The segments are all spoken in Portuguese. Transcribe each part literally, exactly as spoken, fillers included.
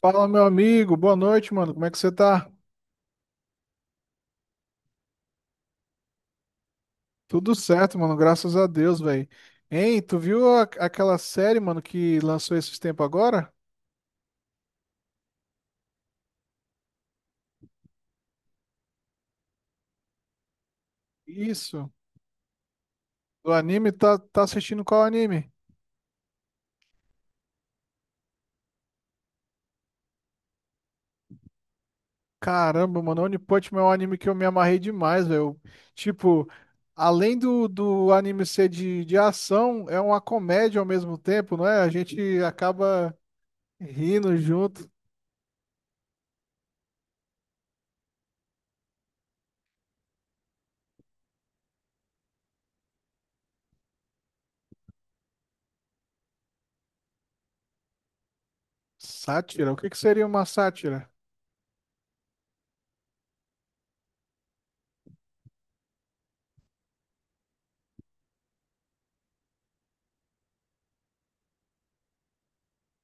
Fala, meu amigo. Boa noite, mano. Como é que você tá? Tudo certo, mano. Graças a Deus, velho. Hein, tu viu a- aquela série, mano, que lançou esses tempos agora? Isso. Do anime, tá, tá assistindo qual anime? Caramba, mano. One Punch Man é um anime que eu me amarrei demais, velho. Tipo, além do, do anime ser de, de ação, é uma comédia ao mesmo tempo, não é? A gente acaba rindo junto. Sátira? O que que seria uma sátira?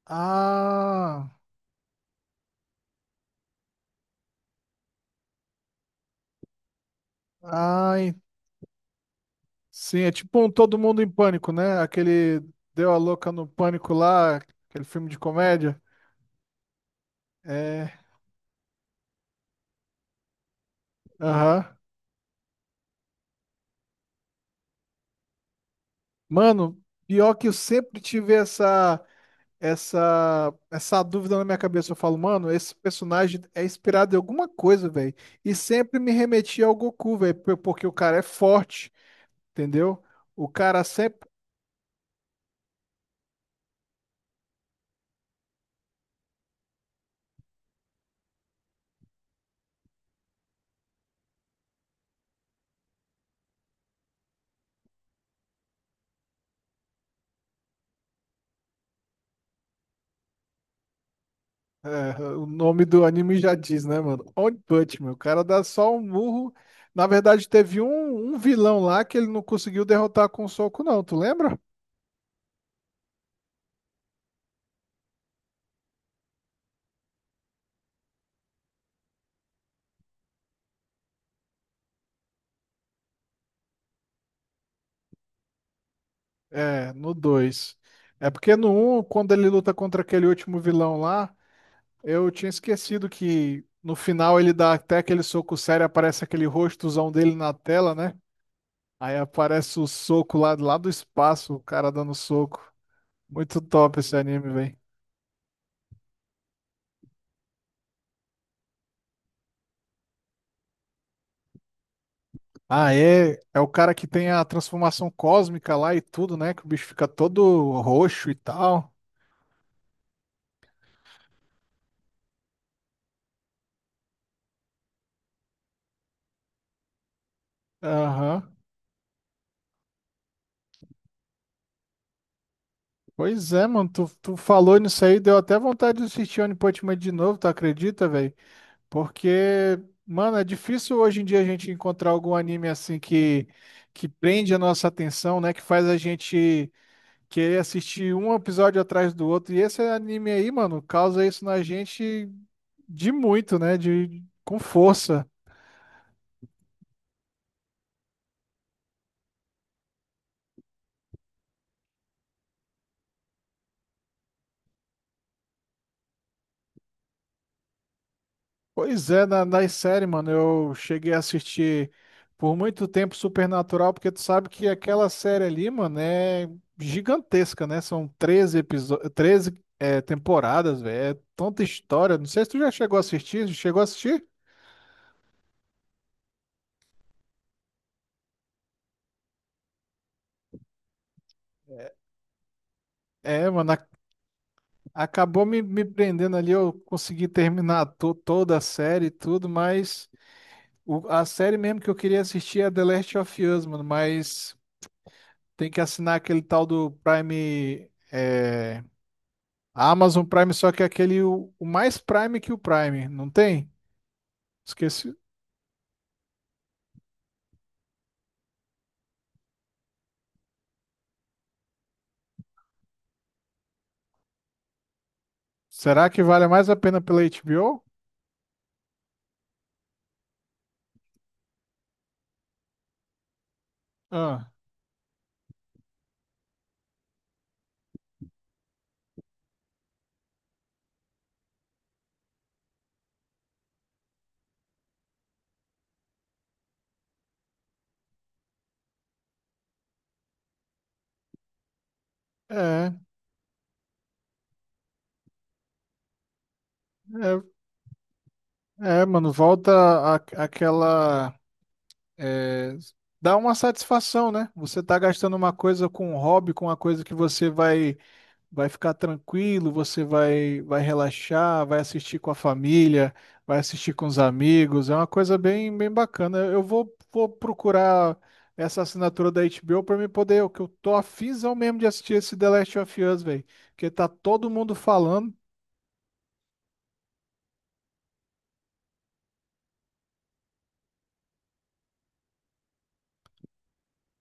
Ah. Ah, Sim, é tipo um Todo Mundo em Pânico, né? Aquele Deu a Louca no Pânico lá, aquele filme de comédia. É, aham. Mano, pior que eu sempre tive essa, essa, essa dúvida na minha cabeça. Eu falo, mano, esse personagem é inspirado em alguma coisa, velho. E sempre me remetia ao Goku, velho, porque o cara é forte, entendeu? O cara sempre. É, o nome do anime já diz, né, mano? One Punch Man. O cara dá só um murro. Na verdade, teve um, um vilão lá que ele não conseguiu derrotar com um soco, não. Tu lembra? É, no dois. É porque no um, quando ele luta contra aquele último vilão lá, eu tinha esquecido que no final ele dá até aquele soco sério, aparece aquele rostozão dele na tela, né? Aí aparece o soco lá, lá do espaço, o cara dando soco. Muito top esse anime, velho. Ah, é, é o cara que tem a transformação cósmica lá e tudo, né? Que o bicho fica todo roxo e tal. Aham. Pois é, mano, tu, tu falou nisso aí, deu até vontade de assistir One Punch Man de novo, tu acredita, velho? Porque, mano, é difícil hoje em dia a gente encontrar algum anime assim que, que prende a nossa atenção, né? Que faz a gente querer assistir um episódio atrás do outro. E esse anime aí, mano, causa isso na gente de muito, né? De, com força. Pois é, na, nas séries, mano, eu cheguei a assistir por muito tempo Supernatural, porque tu sabe que aquela série ali, mano, é gigantesca, né? São treze episódios, treze é, temporadas, velho. É tanta história. Não sei se tu já chegou a assistir, chegou a assistir? É, mano, a- acabou me, me prendendo ali, eu consegui terminar to- toda a série e tudo, mas o- a série mesmo que eu queria assistir é The Last of Us, mano, mas tem que assinar aquele tal do Prime. é, A Amazon Prime, só que é aquele o, o mais Prime que o Prime, não tem? Esqueci. Será que vale mais a pena pela HBO? Ah, é, é, é, mano, volta a, aquela é, dá uma satisfação, né? Você tá gastando uma coisa com um hobby, com uma coisa que você vai vai ficar tranquilo, você vai, vai relaxar, vai assistir com a família, vai assistir com os amigos. É uma coisa bem, bem bacana. Eu vou, vou procurar essa assinatura da HBO para me poder, o que eu tô afinzão mesmo de assistir esse The Last of Us, velho, porque tá todo mundo falando.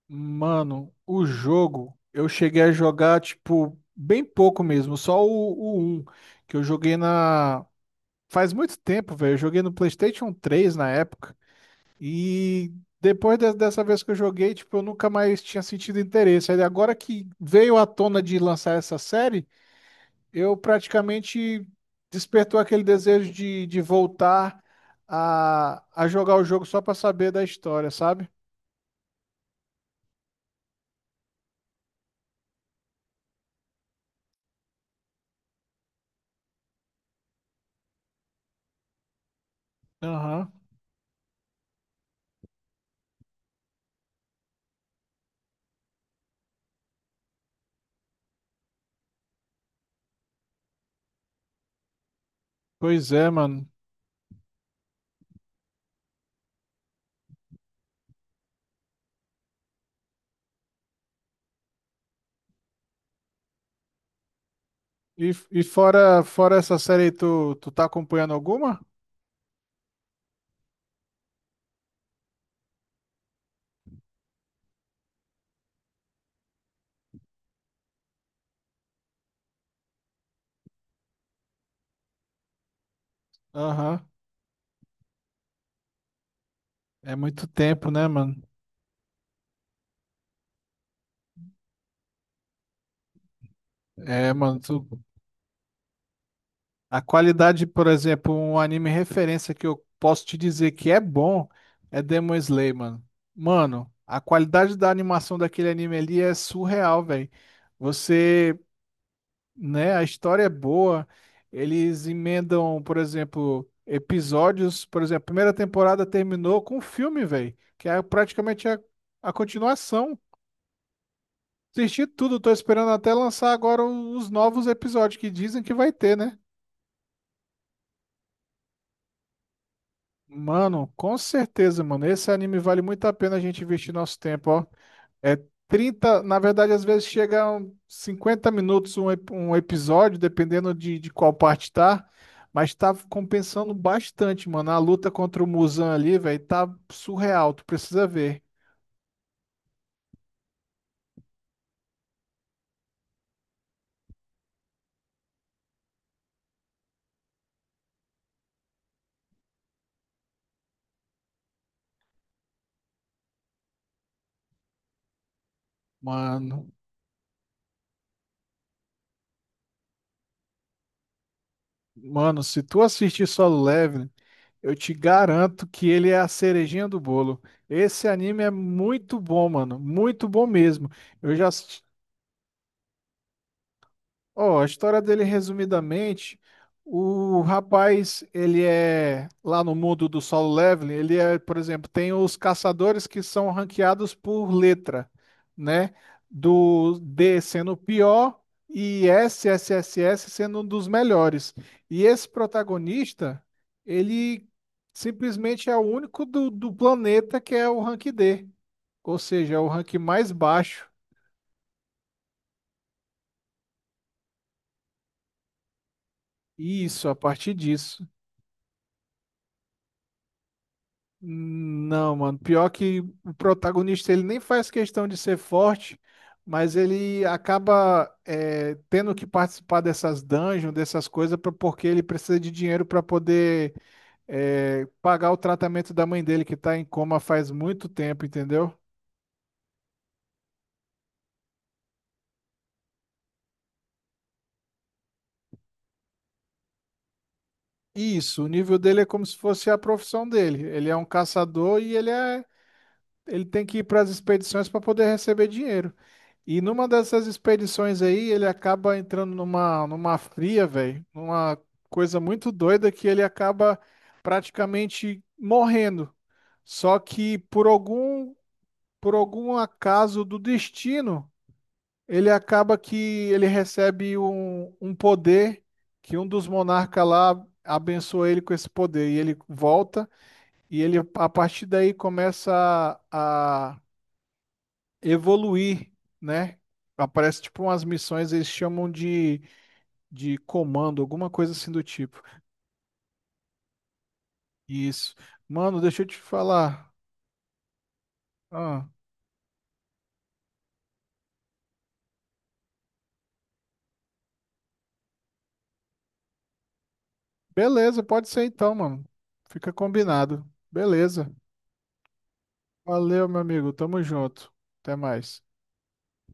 Mano, o jogo, eu cheguei a jogar tipo bem pouco mesmo, só o, o um, que eu joguei na. Faz muito tempo, velho. Eu joguei no PlayStation três na época. E depois de- dessa vez que eu joguei, tipo, eu nunca mais tinha sentido interesse. Aí agora que veio à tona de lançar essa série, eu praticamente despertou aquele desejo de, de voltar a, a jogar o jogo só pra saber da história, sabe? Aham. Pois é, mano. E, e fora, fora, essa série, aí, tu, tu tá acompanhando alguma? Aham. É muito tempo, né, mano? É, mano, tu, A qualidade, por exemplo, um anime referência que eu posso te dizer que é bom é Demon Slayer, mano. Mano, a qualidade da animação daquele anime ali é surreal, velho. Você, né, a história é boa. Eles emendam, por exemplo, episódios, por exemplo, a primeira temporada terminou com um filme, velho, que é praticamente a, a continuação. Assisti tudo, tô esperando até lançar agora os novos episódios que dizem que vai ter, né? Mano, com certeza, mano. Esse anime vale muito a pena a gente investir nosso tempo, ó. É trinta, na verdade, às vezes chega a um cinquenta minutos um, ep- um episódio, dependendo de, de qual parte tá. Mas tá compensando bastante, mano. A luta contra o Muzan ali, velho, tá surreal. Tu precisa ver. Mano, mano, se tu assistir Solo Leveling, eu te garanto que ele é a cerejinha do bolo. Esse anime é muito bom, mano. Muito bom mesmo. Eu já. Ó, a história dele, resumidamente, o rapaz, ele é, lá no mundo do Solo Leveling, ele é, por exemplo, tem os caçadores que são ranqueados por letra, né? Do D sendo o pior e S, S, S, S sendo um dos melhores. E esse protagonista, ele simplesmente é o único do, do planeta que é o rank D, ou seja, é o rank mais baixo. Isso, a partir disso. Não, mano. Pior que o protagonista ele nem faz questão de ser forte, mas ele acaba é, tendo que participar dessas dungeons, dessas coisas, pra- porque ele precisa de dinheiro para poder é, pagar o tratamento da mãe dele que tá em coma faz muito tempo, entendeu? Isso, o nível dele é como se fosse a profissão dele. Ele é um caçador e ele é, ele tem que ir para as expedições para poder receber dinheiro. E numa dessas expedições aí, ele acaba entrando numa, numa fria, velho, numa coisa muito doida que ele acaba praticamente morrendo. Só que por algum, por algum acaso do destino, ele acaba que ele recebe um, um poder que um dos monarcas lá abençoa ele com esse poder. E ele volta e ele, a partir daí, começa a a- evoluir, né? Aparece tipo umas missões, eles chamam de, de comando, alguma coisa assim do tipo. Isso. Mano, deixa eu te falar. Ah, beleza, pode ser então, mano. Fica combinado. Beleza. Valeu, meu amigo. Tamo junto. Até mais.